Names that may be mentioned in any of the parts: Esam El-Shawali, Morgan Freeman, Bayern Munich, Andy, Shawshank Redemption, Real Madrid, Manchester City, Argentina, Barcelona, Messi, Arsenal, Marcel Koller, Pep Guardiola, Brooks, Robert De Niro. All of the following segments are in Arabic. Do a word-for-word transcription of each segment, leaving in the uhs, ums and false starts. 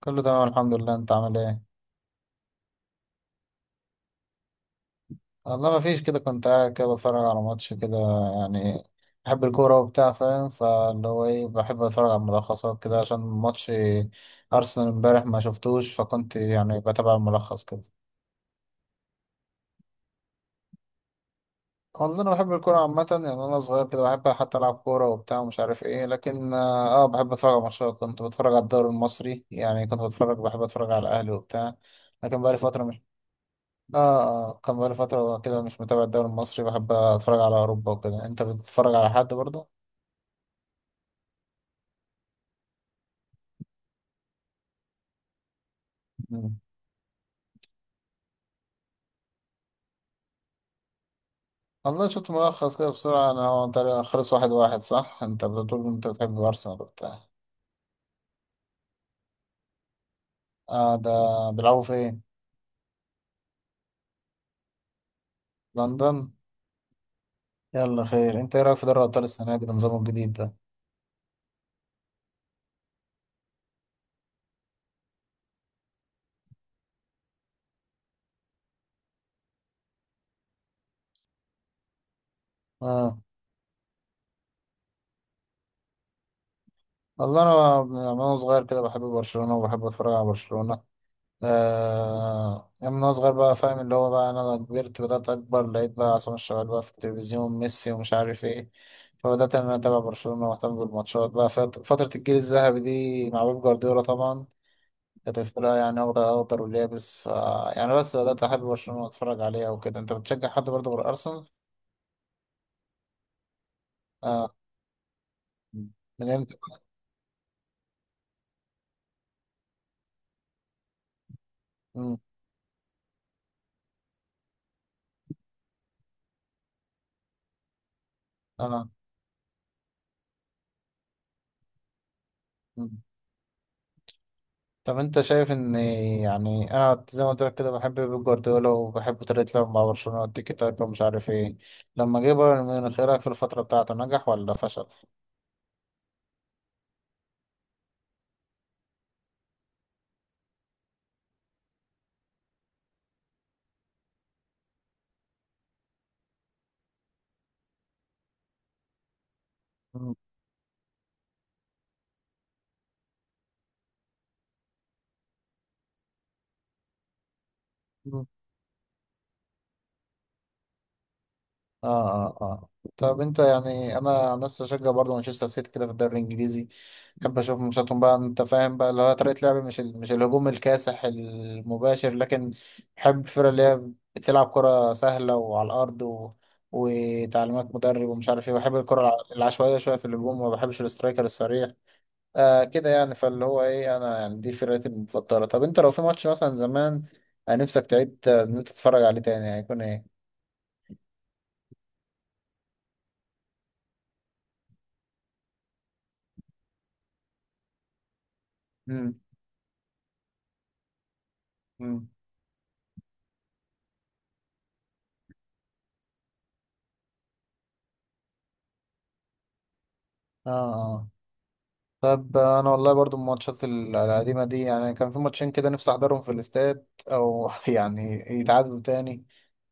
كله تمام، الحمد لله. انت عامل ايه؟ والله ما فيش كده، كنت قاعد كده بتفرج على ماتش كده، يعني. بحب الكوره وبتاع، فاهم؟ فاللي هو ايه، بحب اتفرج على الملخصات كده عشان ماتش ارسنال امبارح ما شفتوش، فكنت يعني بتابع الملخص كده. والله انا بحب الكوره عامه، يعني انا صغير كده بحب حتى العب كوره وبتاع ومش عارف ايه، لكن اه آه، بحب اتفرج على ماتشات. كنت بتفرج على الدوري المصري، يعني كنت بتفرج بحب اتفرج على الاهلي وبتاع، لكن بقالي فتره. اه. اه، كان بقالي فترة كده مش متابع الدوري المصري، بحب اتفرج على اوروبا وكده. انت بتتفرج على حد برضه؟ مم. والله شفت ملخص كده بسرعة، انا هو تقريبا خلص واحد واحد، صح؟ انت بتقول انت بتحب ارسنال وبتاع. اه ده، بيلعبوا فين؟ لندن؟ يلا خير، انت ايه رأيك في دوري ابطال السنة دي بنظامه الجديد ده؟ اه، والله انا من وانا صغير كده بحب برشلونة وبحب اتفرج على برشلونة. آه، يعني من وأنا صغير بقى، فاهم اللي هو بقى، أنا كبرت، بدأت أكبر لقيت بقى عصام الشوالي بقى في التلفزيون، ميسي ومش عارف إيه. فبدأت إن أنا أتابع برشلونة وأهتم بالماتشات بقى فت- فترة الجيل الذهبي دي مع بيب جوارديولا طبعا. كانت الفرقة يعني أخضر أخضر واليابس، ف يعني، بس بدأت أحب برشلونة وأتفرج عليها وكده. أنت بتشجع حد برضه غير أرسنال؟ آه. من إمتى؟ مم. آه. طب انت شايف ان، يعني انا زي ما قلت لك كده بحب بيب جوارديولا وبحب طريقة لعبه مع برشلونة، التيكي تاكا ومش عارف ايه. لما جه بايرن ميونخ، ايه رأيك في الفترة بتاعته، نجح ولا فشل؟ مم. مم. اه اه اه. طب انت يعني، انا عن نفسي بشجع برضه مانشستر سيتي كده في الدوري الانجليزي، بحب اشوف ماتشاتهم بقى. انت فاهم بقى اللي هو طريقه لعب، مش ال... مش الهجوم الكاسح المباشر، لكن بحب الفرق اللي هي بتلعب كره سهله وعلى الارض، و... وتعليمات مدرب ومش عارف ايه. بحب الكره الع- العشوائيه شويه في الهجوم، وما بحبش الاسترايكر السريع. آه كده يعني، فاللي هو ايه، انا يعني دي فرقتي المفضله. طب انت لو في ماتش مثلا زمان، آه، نفسك تعيد آه، ان انت تتفرج عليه تاني هيكون ايه؟ امم امم اه آه. طب انا والله برضو الماتشات ال- القديمه دي، يعني كان في ماتشين كده نفسي احضرهم في الاستاد، او يعني يتعادلوا تاني.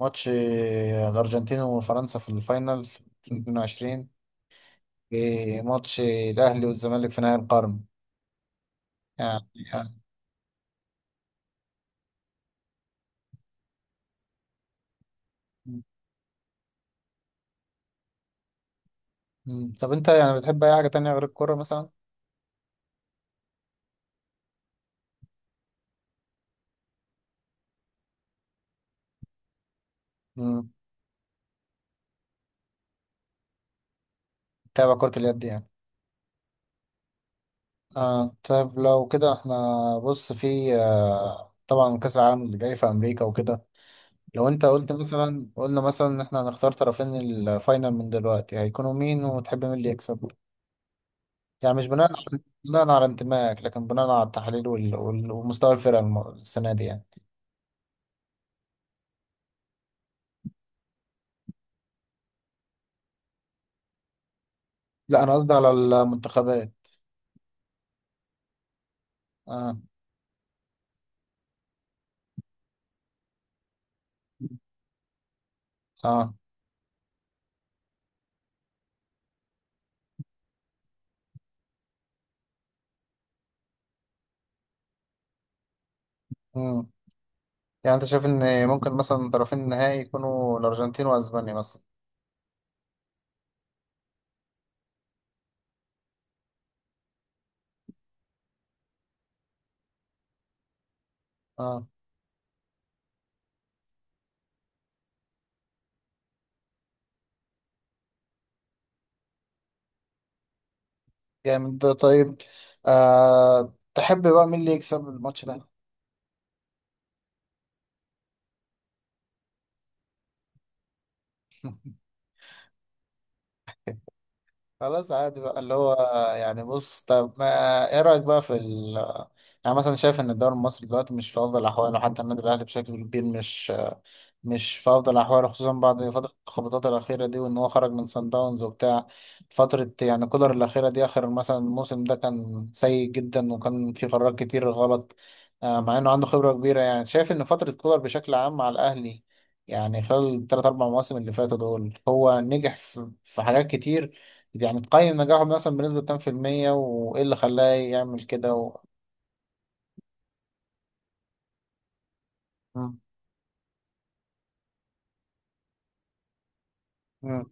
ماتش الارجنتين وفرنسا في الفاينل اتنين وعشرين، وماتش الاهلي والزمالك في نهائي القرن يعني, يعني. مم. طب انت يعني بتحب اي حاجه تانية غير الكوره مثلا؟ مم. تابع كره اليد، يعني. آه طب لو كده احنا، بص في آه طبعا كاس العالم اللي جاي في امريكا وكده، لو انت قلت مثلا، قلنا مثلا ان احنا هنختار طرفين الفاينل من دلوقتي هيكونوا مين وتحب مين اللي يكسب؟ يعني مش بناء على بناء على انتمائك، لكن بناء على التحاليل وال... وال... ومستوى الفرقة الم... السنة دي يعني. لا، انا قصدي على المنتخبات. اه. اه. مم. يعني انت شايف ان ممكن مثلا طرفين النهائي يكونوا الارجنتين واسبانيا مثلا؟ اه. جامد ده، طيب. آه، تحب بقى مين اللي يكسب الماتش ده؟ خلاص عادي بقى، اللي هو يعني بص. طب ما ايه رأيك بقى في ال يعني مثلا شايف ان الدوري المصري دلوقتي مش في افضل احواله، حتى النادي الاهلي بشكل كبير مش مش في افضل احواله، خصوصا بعد فتره الخبطات الاخيره دي وان هو خرج من سان داونز وبتاع. فتره يعني كولر الاخيره دي، اخر مثلا الموسم ده كان سيء جدا وكان في قرارات كتير غلط، آه، مع انه عنده خبره كبيره. يعني شايف ان فتره كولر بشكل عام مع الاهلي، يعني خلال الثلاث اربع مواسم اللي فاتوا دول هو نجح في في حاجات كتير. يعني تقيم نجاحه مثلا بنسبه كام في المية، وايه اللي خلاه يعمل كده و... مم. مم.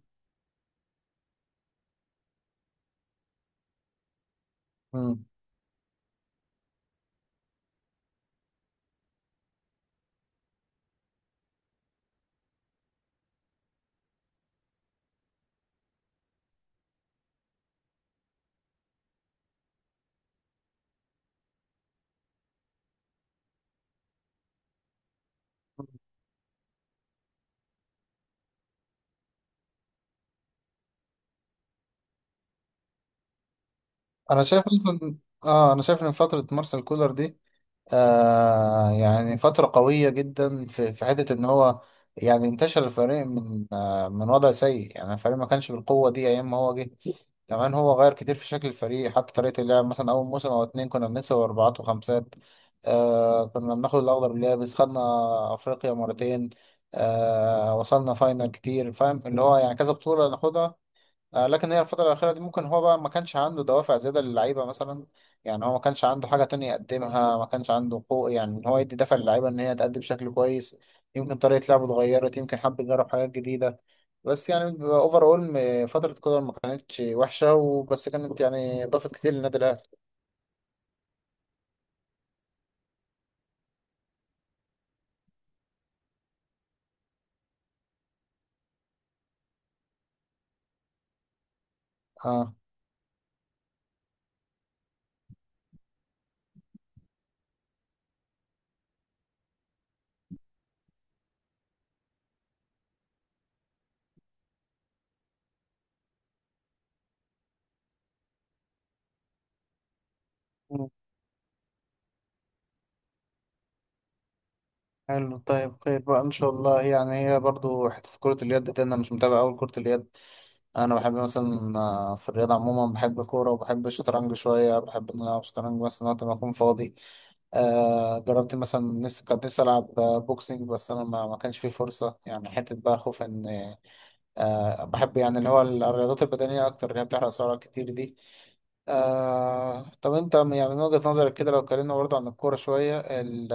مم. انا شايف مثلا اه انا شايف ان فتره مارسيل كولر دي، آه يعني فترة قوية جدا في في حتة إن هو، يعني انتشر الفريق من آه من وضع سيء، يعني الفريق ما كانش بالقوة دي أيام ما هو جه. كمان هو غير كتير في شكل الفريق، حتى طريقة اللعب، مثلا أول موسم أو اتنين كنا بنكسب أربعات وخمسات، آه كنا بناخد الأخضر اليابس، خدنا أفريقيا مرتين، آه وصلنا فاينل كتير، فاهم اللي هو يعني كذا بطولة ناخدها. آه، لكن هي الفترة الأخيرة دي ممكن هو بقى ما كانش عنده دوافع زيادة للعيبة مثلا، يعني هو ما كانش عنده حاجة تانية يقدمها، ما كانش عنده حقوق يعني إن هو يدي دفع للعيبة إن هي تأدي بشكل كويس. يمكن طريقة لعبه اتغيرت، يمكن حب يجرب حاجات جديدة. بس يعني اوفر اول فترة كولر ما كانتش وحشة، وبس كانت يعني ضافت كتير للنادي الأهلي. اه. مم. حلو طيب، خير بقى ان شاء الله. يعني هي برضو حته كره اليد دي انا مش متابع اول كره اليد. انا بحب مثلا، آه، في الرياضه عموما بحب الكوره، وبحب الشطرنج شويه، بحب ان انا العب شطرنج مثلا وقت ما اكون فاضي. آه جربت مثلا، نفسي كنت نفسي العب آه، بوكسينج، بس انا ما, ما كانش فيه فرصه، يعني حته بقى خوف ان. آه بحب يعني اللي هو الرياضات البدنيه اكتر اللي هي بتحرق سعرات كتير دي. آه طب انت يعني من وجهه نظرك كده لو اتكلمنا برضه عن الكوره شويه ال-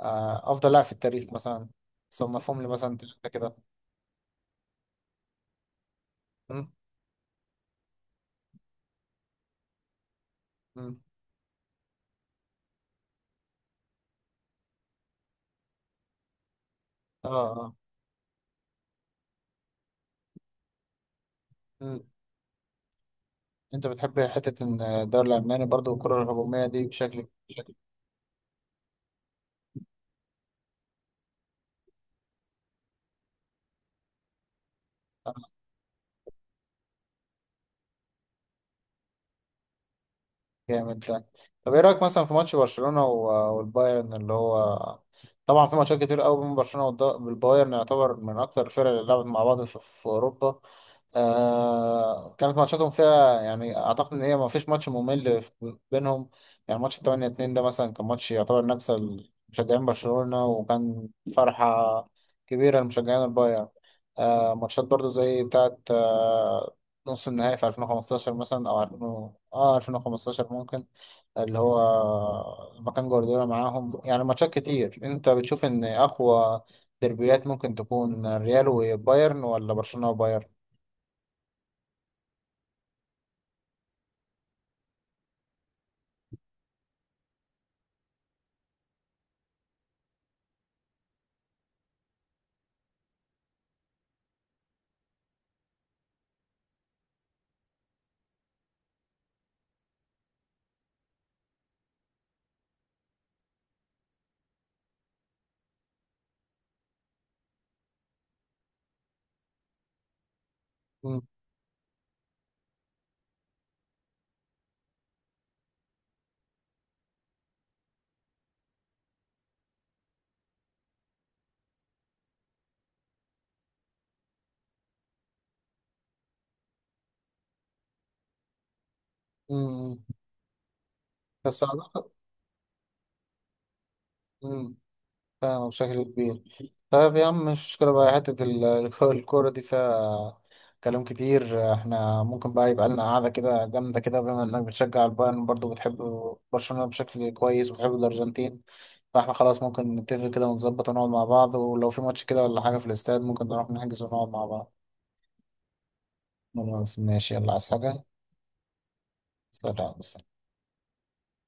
آه افضل لاعب في التاريخ مثلا، صنفهم لي مثلا ثلاثه كده. م؟ م. اه اه م. انت بتحب حتة ان الدوري الألماني برضو الكرة الهجومية دي بشكل. جامد ده. طب ايه رأيك مثلا في ماتش برشلونة و- والبايرن اللي هو، طبعا في ماتشات كتير قوي بين برشلونة والد- والبايرن، يعتبر من أكتر الفرق اللي لعبت مع بعض في في أوروبا. آه كانت ماتشاتهم فيها، يعني اعتقد ان هي ما فيش ماتش ممل في- بينهم. يعني ماتش ثمانية اثنين ده مثلا كان ماتش يعتبر نكسه لمشجعين برشلونة، وكان فرحة كبيرة لمشجعين البايرن. آه ماتشات برضو زي بتاعة آه نص النهائي في ألفين وخمسة عشر مثلا او ألفين اه ألفين وخمسطاشر ممكن، اللي هو لما كان جوارديولا معاهم. يعني ماتشات كتير، انت بتشوف ان اقوى ديربيات ممكن تكون ريال وبايرن، ولا برشلونة وبايرن؟ مم. بس أعتقد. مم. فاهم بشكل كبير. طيب يا عم، مش مشكلة بقى حتة ال- الك- الكورة دي فيها كلام كتير. احنا ممكن بقى يبقى لنا قعدة كده جامدة كده، بما انك بتشجع البايرن برضه، بتحب برشلونة بشكل كويس، وبتحب الأرجنتين، فاحنا خلاص ممكن نتفق كده ونظبط ونقعد مع بعض. ولو في ماتش كده ولا حاجة في الاستاد ممكن نروح نحجز ونقعد مع بعض. خلاص، ماشي، يلا. عايز حاجة؟ سلام.